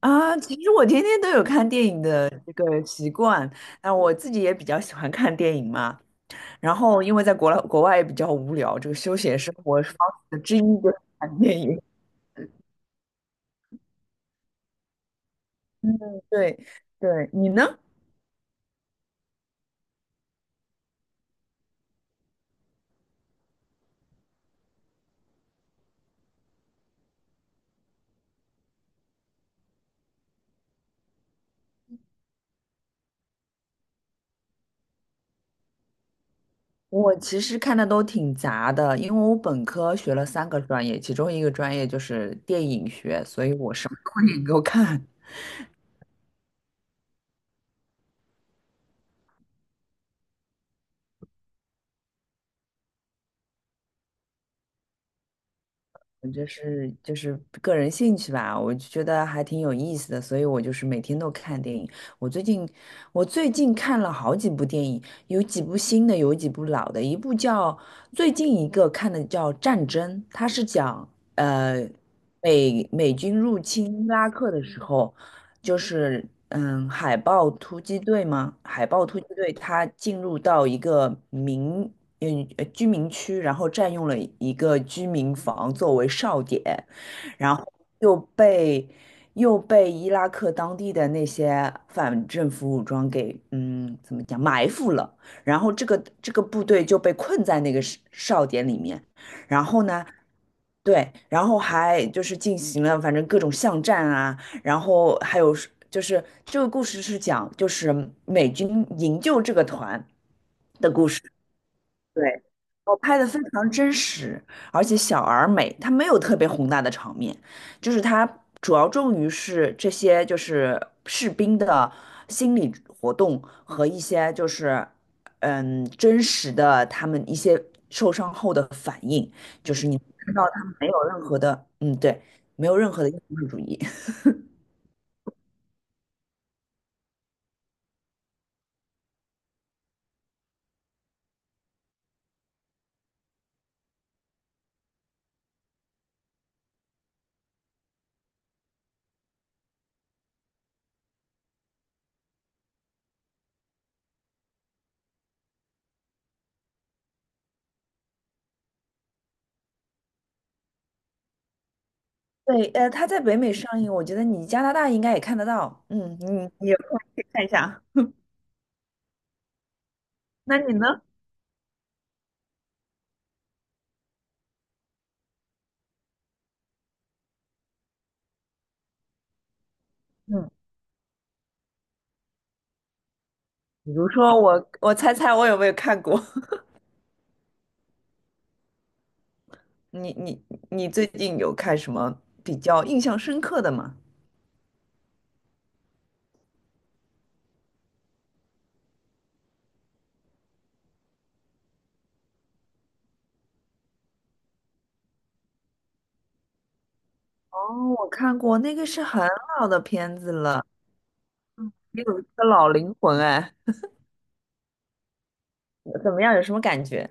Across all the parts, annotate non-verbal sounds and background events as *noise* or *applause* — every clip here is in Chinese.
啊，其实我天天都有看电影的这个习惯，那我自己也比较喜欢看电影嘛。然后因为在国外也比较无聊，这个休闲生活方式之一就是看电影。嗯，*laughs* 对对，你呢？我其实看的都挺杂的，因为我本科学了三个专业，其中一个专业就是电影学，所以我什么 *laughs* 电影都看。我就是个人兴趣吧，我就觉得还挺有意思的，所以我就是每天都看电影。我最近我最近看了好几部电影，有几部新的，有几部老的。一部叫最近一个看的叫《战争》，它是讲呃美军入侵伊拉克的时候，就是海豹突击队吗？海豹突击队它进入到一个居民区，然后占用了一个居民房作为哨点，然后又被又被伊拉克当地的那些反政府武装给嗯怎么讲埋伏了，然后这个部队就被困在那个哨点里面，然后呢？对，然后还就是进行了反正各种巷战啊，然后还有是就是这个故事是讲就是美军营救这个团。对，我拍的非常真实，而且小而美，它没有特别宏大的场面，就是它主要重于是这些就是士兵的心理活动和一些就是嗯真实的他们一些受伤后的反应，就是你看到他们没有任何的对，没有任何的英雄主义。*laughs* 对，它在北美上映，我觉得你加拿大应该也看得到，嗯，你有空以看一下。那你呢？嗯。比如说我，我猜猜我有没有看过？*laughs* 你你你最近有看什么比较印象深刻的吗？哦，我看过，那个是很老的片子了，也有一个老灵魂哎，怎么样？有什么感觉？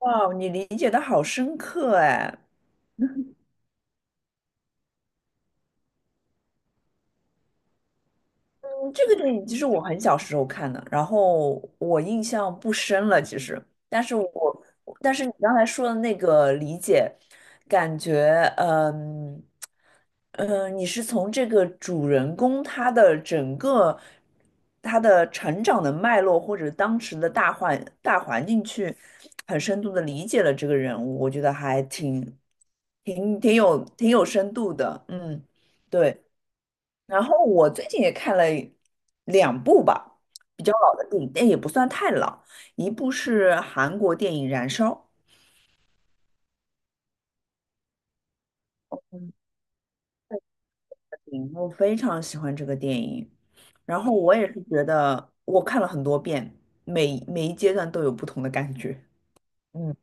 哇，你理解的好深刻哎，嗯这个电影其实我很小时候看的，然后我印象不深了，其实，但是我，但是你刚才说的那个理解，感觉，嗯，你是从这个主人公他的整个他的成长的脉络，或者当时的大环境去很深度的理解了这个人物，我觉得还挺挺有深度的，嗯，对。然后我最近也看了两部吧，比较老的电影，但也不算太老。一部是韩国电影《燃烧》，嗯嗯我非常喜欢这个电影。然后我也是觉得，我看了很多遍，每一阶段都有不同的感觉。嗯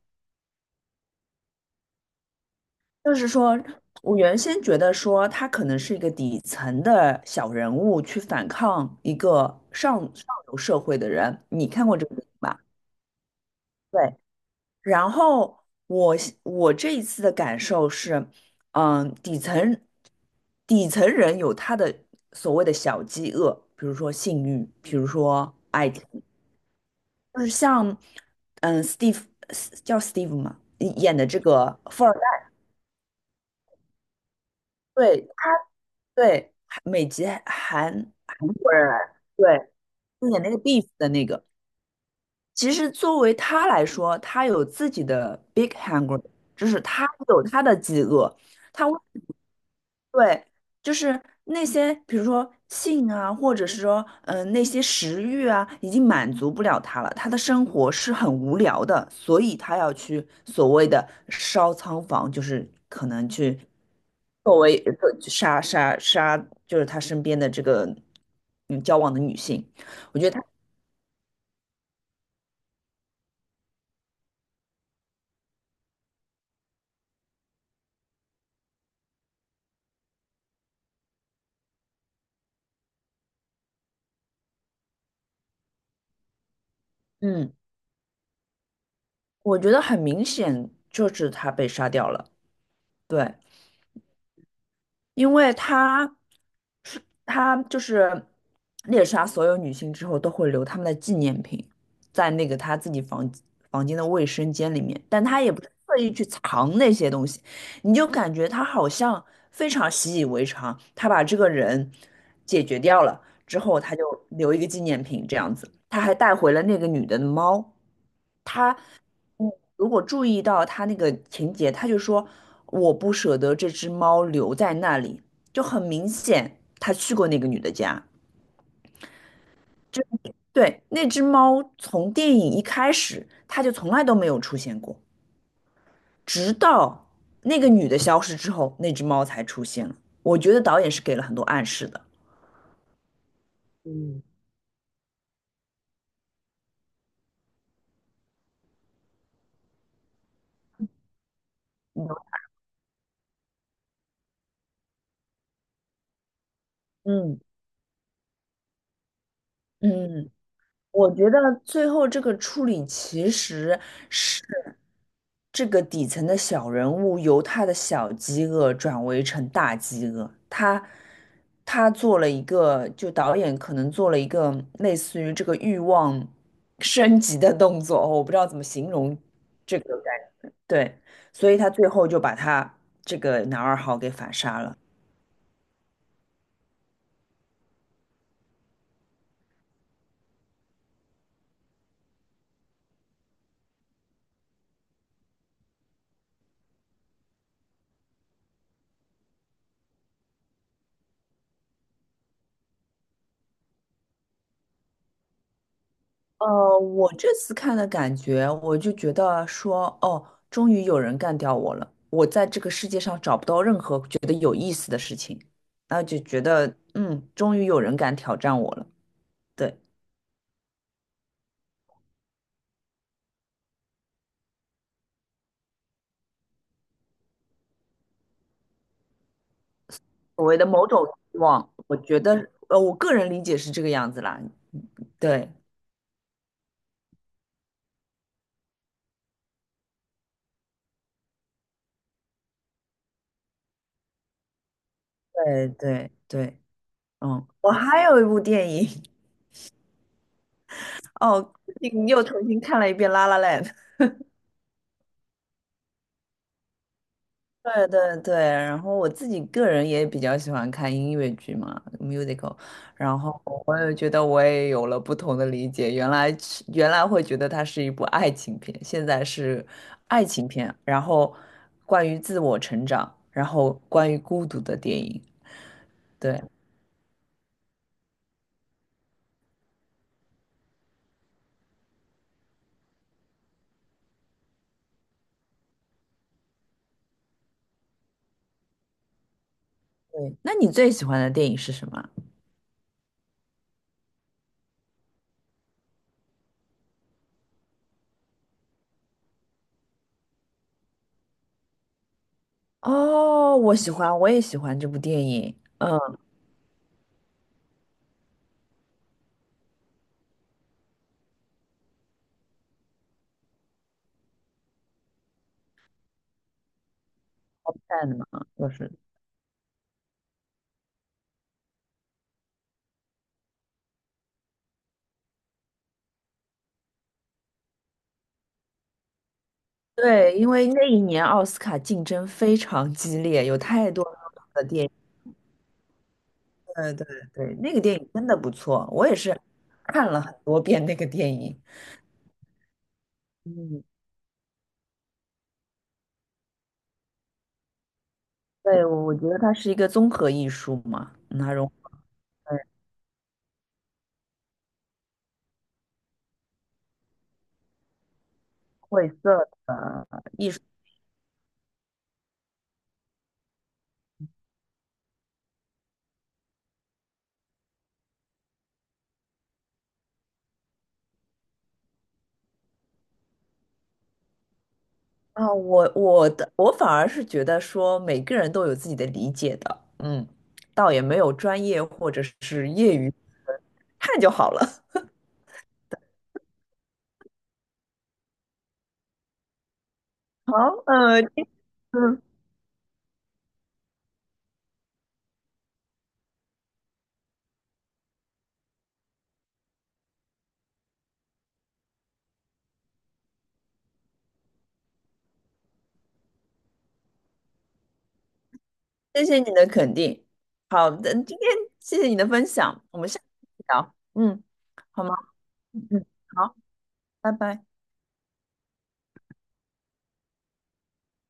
就是说，我原先觉得说他可能是一个底层的小人物去反抗一个上流社会的人。你看过这个电影吧？对。然后我这一次的感受是，嗯，底层人有他的所谓的小饥饿，比如说性欲，比如说爱情，就是像嗯，Steve 叫 Steve 嘛，演的这个富二代，对他对美籍韩国人对，就演那个 Beef 的那个，其实作为他来说，他有自己的 big hunger,就是他有他的饥饿。他为对，就是那些，比如说性啊，或者是说，嗯、那些食欲啊，已经满足不了他了。他的生活是很无聊的，所以他要去所谓的烧仓房，就是可能去作为杀，就是他身边的这个嗯交往的女性。我觉得他，嗯，我觉得很明显就是他被杀掉了。对，因为他，是她就是猎杀所有女性之后都会留她们的纪念品在那个她自己房间的卫生间里面，但他也不是特意去藏那些东西，你就感觉他好像非常习以为常，他把这个人解决掉了之后，他就留一个纪念品这样子，他还带回了那个女的的猫，嗯。如果注意到他那个情节，他就说我不舍得这只猫留在那里，就很明显他去过那个女的家。对，那只猫从电影一开始，他就从来都没有出现过，直到那个女的消失之后，那只猫才出现了。我觉得导演是给了很多暗示的。嗯嗯，嗯我觉得最后这个处理其实是。这个底层的小人物由他的小饥饿转为成大饥饿，他做了一个，就导演可能做了一个类似于这个欲望升级的动作，我不知道怎么形容这个感觉，对，所以他最后就把他这个男二号给反杀了。我这次看的感觉，我就觉得说，哦，终于有人干掉我了。我在这个世界上找不到任何觉得有意思的事情，那就觉得，嗯，终于有人敢挑战我了。对，所谓的某种欲望，我觉得，我个人理解是这个样子啦。对，对，嗯，我还有一部电影，*laughs* 哦，最近又重新看了一遍《La La Land》。对，然后我自己个人也比较喜欢看音乐剧嘛，musical,然后我也觉得我也有了不同的理解，原来原来会觉得它是一部爱情片，现在是爱情片，然后关于自我成长，然后关于孤独的电影，对对。那你最喜欢的电影是什么？哦，我喜欢，我也喜欢这部电影，嗯，好看的嘛，就是对，因为那一年奥斯卡竞争非常激烈，有太多的电影。对对对，那个电影真的不错，我也是看了很多遍那个电影。嗯，对，我觉得它是一个综合艺术嘛，嗯它融合晦涩的艺术啊。我反而是觉得说每个人都有自己的理解的，嗯，倒也没有专业或者是业余，看就好了。好，呃，这次谢谢你的肯定。好的，今天谢谢你的分享，我们下次再聊。嗯，好吗？嗯,好，拜拜。